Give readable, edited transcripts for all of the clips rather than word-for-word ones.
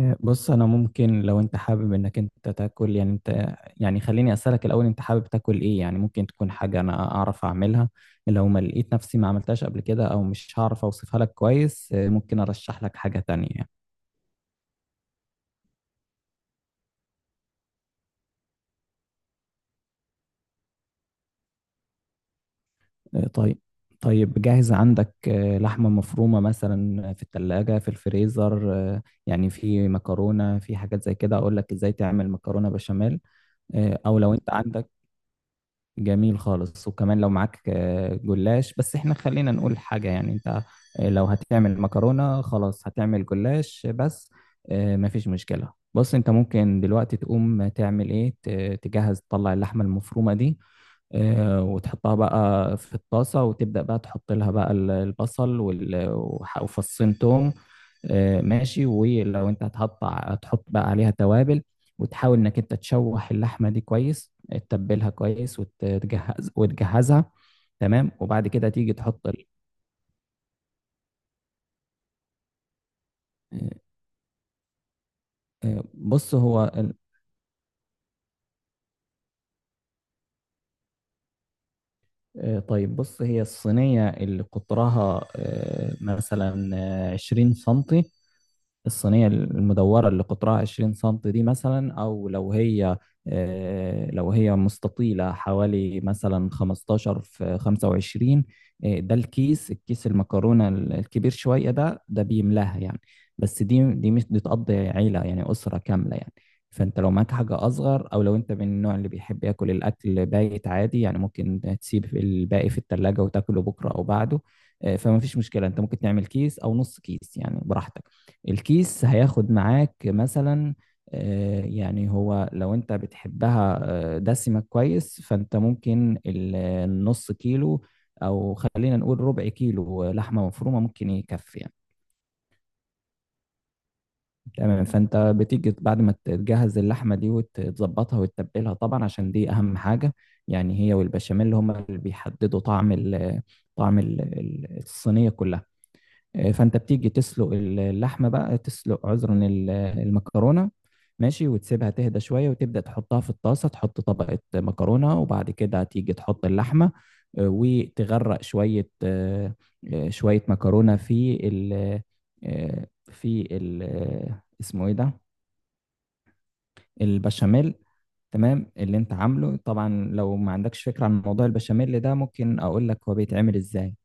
بص انا ممكن لو انت حابب انك انت تاكل يعني، انت يعني خليني اسالك الاول، انت حابب تاكل ايه يعني؟ ممكن تكون حاجه انا اعرف اعملها. لو ما لقيت نفسي ما عملتهاش قبل كده او مش هعرف اوصفها لك كويس، ممكن ارشح لك حاجه تانية يعني. طيب. طيب جاهز عندك لحمه مفرومه مثلا في الثلاجه، في الفريزر، يعني في مكرونه، في حاجات زي كده. اقول لك ازاي تعمل مكرونه بشاميل. او لو انت عندك، جميل خالص. وكمان لو معاك جلاش، بس احنا خلينا نقول حاجة يعني انت. لو هتعمل مكرونة خلاص هتعمل جلاش بس. مفيش مشكلة. بص، انت ممكن دلوقتي تقوم تعمل ايه، تجهز تطلع اللحمة المفرومة دي، وتحطها بقى في الطاسة، وتبدأ بقى تحط لها بقى البصل وفصين توم. ماشي. ولو انت هتحط بقى عليها توابل، وتحاول انك انت تشوح اللحمة دي كويس، تتبلها كويس وتجهزها. تمام. وبعد كده تيجي تحط ال- آه، آه، بص هو ال- آه، طيب. بص، هي الصينية اللي قطرها مثلا عشرين سنتي، الصينية المدورة اللي قطرها 20 سنتي دي مثلا، أو لو هي مستطيلة حوالي مثلا 15 في 25. ده الكيس، الكيس المكرونة الكبير شوية ده بيملاها يعني. بس دي مش بتقضي عيلة يعني، أسرة كاملة يعني. فأنت لو معاك حاجة أصغر، أو لو أنت من النوع اللي بيحب ياكل الأكل بايت عادي يعني، ممكن تسيب الباقي في التلاجة وتاكله بكرة أو بعده. فما فيش مشكلة. أنت ممكن تعمل كيس أو نص كيس يعني براحتك. الكيس هياخد معاك مثلا يعني، هو لو انت بتحبها دسمة كويس، فانت ممكن النص كيلو، او خلينا نقول ربع كيلو لحمة مفرومة، ممكن يكفي يعني. تمام. فانت بتيجي بعد ما تجهز اللحمة دي وتظبطها وتتبلها طبعا، عشان دي اهم حاجة. يعني هي والبشاميل هما اللي بيحددوا طعم ال، طعم الصينية كلها. فانت بتيجي تسلق اللحمه، بقى تسلق، عذرا، المكرونه. ماشي. وتسيبها تهدى شويه، وتبدا تحطها في الطاسه، تحط طبقه مكرونه، وبعد كده تيجي تحط اللحمه. وتغرق شويه شويه مكرونه في ال، آه، في ال، اسمه ايه ده؟ البشاميل. تمام، اللي انت عامله طبعا. لو ما عندكش فكره عن موضوع البشاميل ده ممكن اقول لك هو بيتعمل ازاي.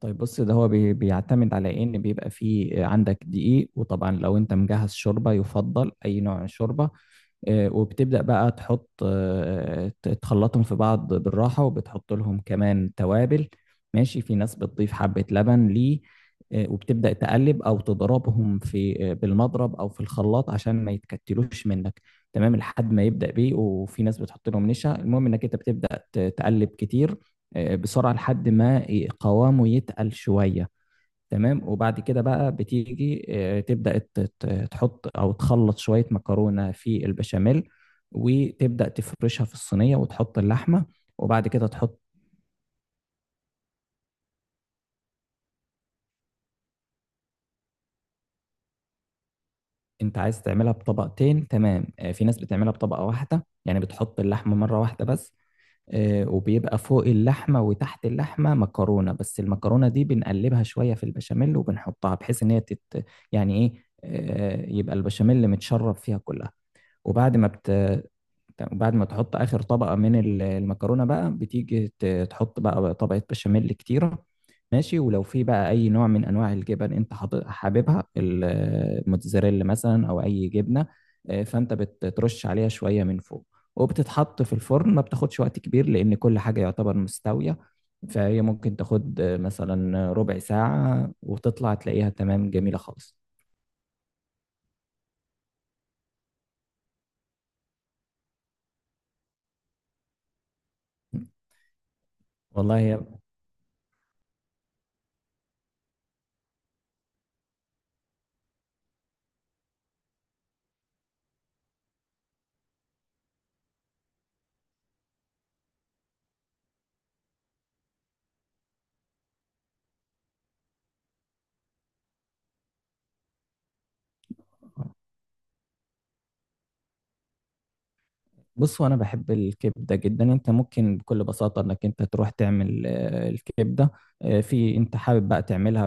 طيب بص، ده هو بيعتمد على ان بيبقى فيه عندك دقيق، وطبعا لو انت مجهز شوربه يفضل، اي نوع من الشوربه. وبتبدأ بقى تحط تخلطهم في بعض بالراحة، وبتحط لهم كمان توابل. ماشي. في ناس بتضيف حبة لبن ليه. وبتبدأ تقلب أو تضربهم في، بالمضرب أو في الخلاط، عشان ما يتكتلوش منك. تمام، لحد ما يبدأ بيه. وفي ناس بتحط لهم نشا. المهم إنك أنت بتبدأ تقلب كتير، بسرعة، لحد ما قوامه يتقل شوية. تمام. وبعد كده بقى بتيجي تبدأ تحط أو تخلط شوية مكرونة في البشاميل، وتبدأ تفرشها في الصينية وتحط اللحمة وبعد كده تحط. أنت عايز تعملها بطبقتين. تمام. في ناس بتعملها بطبقة واحدة يعني، بتحط اللحمة مرة واحدة بس. وبيبقى فوق اللحمة وتحت اللحمة مكرونة، بس المكرونة دي بنقلبها شوية في البشاميل وبنحطها، بحيث إن هي تت، يعني إيه، يبقى البشاميل متشرب فيها كلها. وبعد ما بت... تمام. بعد ما تحط اخر طبقه من المكرونه بقى، بتيجي تحط بقى طبقه بشاميل كتيره. ماشي. ولو في بقى اي نوع من انواع الجبن انت حاببها، الموتزاريلا مثلا او اي جبنه، فانت بترش عليها شويه من فوق، وبتتحط في الفرن. ما بتاخدش وقت كبير، لان كل حاجه يعتبر مستويه. فهي ممكن تاخد مثلا ربع ساعه، وتطلع تلاقيها تمام، جميله خالص. والله. هي، بصوا، انا بحب الكبده جدا. انت ممكن بكل بساطه انك انت تروح تعمل الكبده. في، انت حابب بقى تعملها.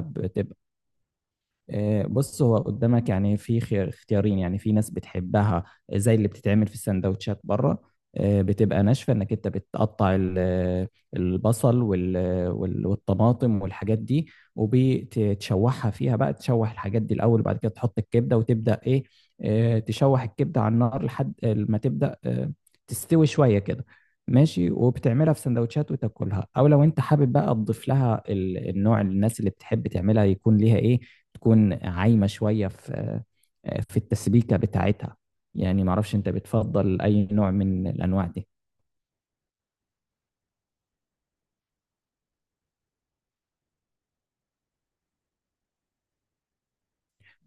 بص، هو قدامك يعني في خيار، اختيارين يعني. في ناس بتحبها زي اللي بتتعمل في السندوتشات بره. بتبقى ناشفة، انك انت بتقطع البصل والطماطم والحاجات دي، وبتشوحها فيها بقى، تشوح الحاجات دي الاول، وبعد كده تحط الكبدة وتبدأ ايه، تشوح الكبدة على النار لحد ما تبدأ تستوي شوية كده. ماشي. وبتعملها في سندوتشات وتاكلها، او لو انت حابب بقى تضيف لها النوع، الناس اللي بتحب تعملها يكون ليها ايه، تكون عايمة شوية في، في التسبيكة بتاعتها. يعني معرفش انت بتفضل اي نوع من الانواع دي.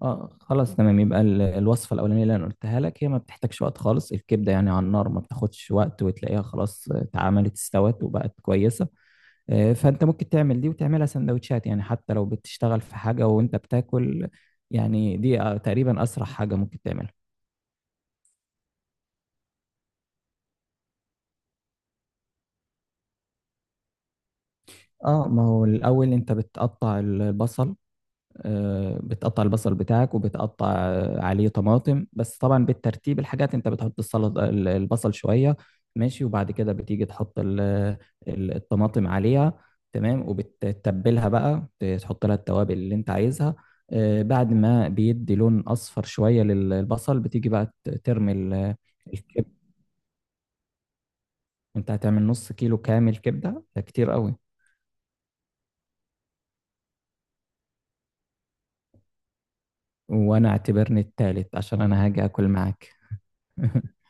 اه، خلاص تمام. يبقى الوصفة الاولانية اللي انا قلتها لك، هي ما بتحتاجش وقت خالص. الكبدة يعني على النار ما بتاخدش وقت، وتلاقيها خلاص اتعملت، استوت وبقت كويسة. فانت ممكن تعمل دي وتعملها سندوتشات، يعني حتى لو بتشتغل في حاجة وانت بتاكل. يعني دي تقريبا اسرع حاجة ممكن تعملها. اه، ما هو الاول انت بتقطع البصل. بتقطع البصل بتاعك، وبتقطع عليه طماطم، بس طبعا بالترتيب الحاجات، انت بتحط السلطه، البصل شويه. ماشي. وبعد كده بتيجي تحط الطماطم عليها. تمام. وبتتبلها بقى، تحط لها التوابل اللي انت عايزها. بعد ما بيدي لون اصفر شويه للبصل، بتيجي بقى ترمي الكبده. انت هتعمل نص كيلو كامل كبده؟ ده كتير قوي. وانا اعتبرني التالت عشان انا هاجي اكل معاك.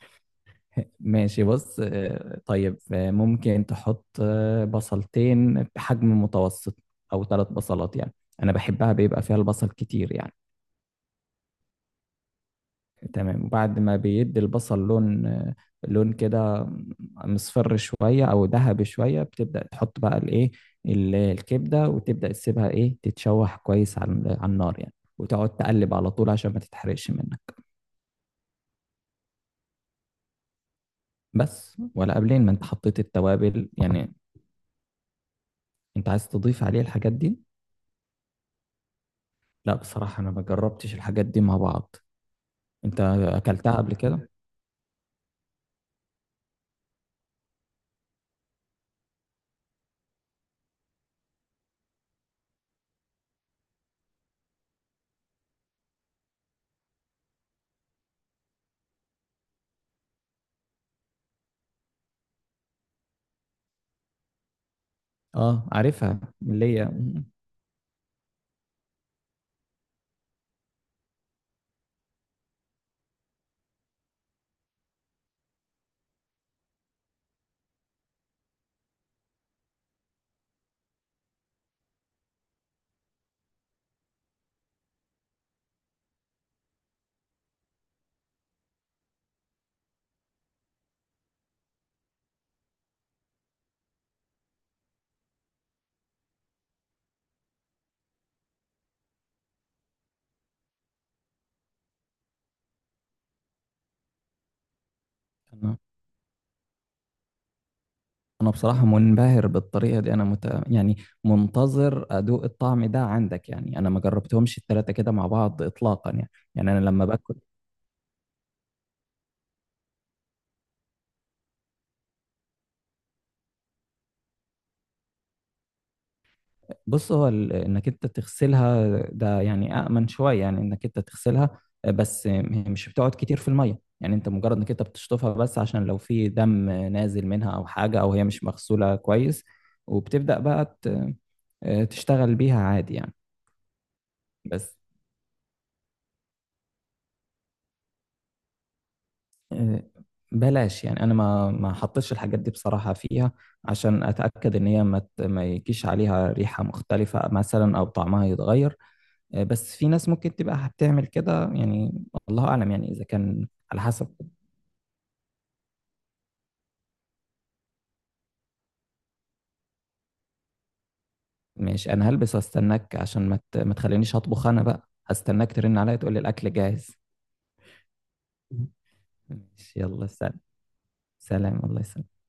ماشي. بص، طيب. ممكن تحط بصلتين بحجم متوسط، او ثلاث بصلات يعني. انا بحبها بيبقى فيها البصل كتير يعني. تمام. وبعد ما بيدي البصل لون، لون كده مصفر شوية او ذهبي شوية، بتبدأ تحط بقى الايه، الكبدة، وتبدأ تسيبها ايه، تتشوح كويس على النار يعني، وتقعد تقلب على طول عشان ما تتحرقش منك. بس ولا قبلين ما انت حطيت التوابل يعني. انت عايز تضيف عليه الحاجات دي؟ لا، بصراحة أنا ما جربتش الحاجات دي مع بعض. أنت أكلتها قبل كده؟ أه عارفها، اللي هي أنا أنا بصراحة منبهر بالطريقة دي. أنا يعني منتظر أدوق الطعم ده عندك يعني. أنا ما جربتهمش التلاتة كده مع بعض إطلاقا يعني. يعني أنا لما باكل، بص هو انك انت تغسلها، ده يعني امن شويه. يعني انك انت تغسلها، بس هي مش بتقعد كتير في الميه يعني. انت مجرد انك انت بتشطفها بس، عشان لو في دم نازل منها او حاجه، او هي مش مغسوله كويس، وبتبدا بقى تشتغل بيها عادي يعني. بس آه، بلاش يعني. انا ما حطيتش الحاجات دي بصراحه فيها، عشان اتاكد ان هي ما يجيش عليها ريحه مختلفه مثلا او طعمها يتغير. بس في ناس ممكن تبقى هتعمل كده يعني. الله اعلم يعني، اذا كان على حسب. ماشي. انا هلبس واستناك، عشان ما تخلينيش اطبخ. انا بقى هستناك ترن عليا تقول لي الاكل جاهز. ماشي، يلا سلام. سلام، الله يسلمك.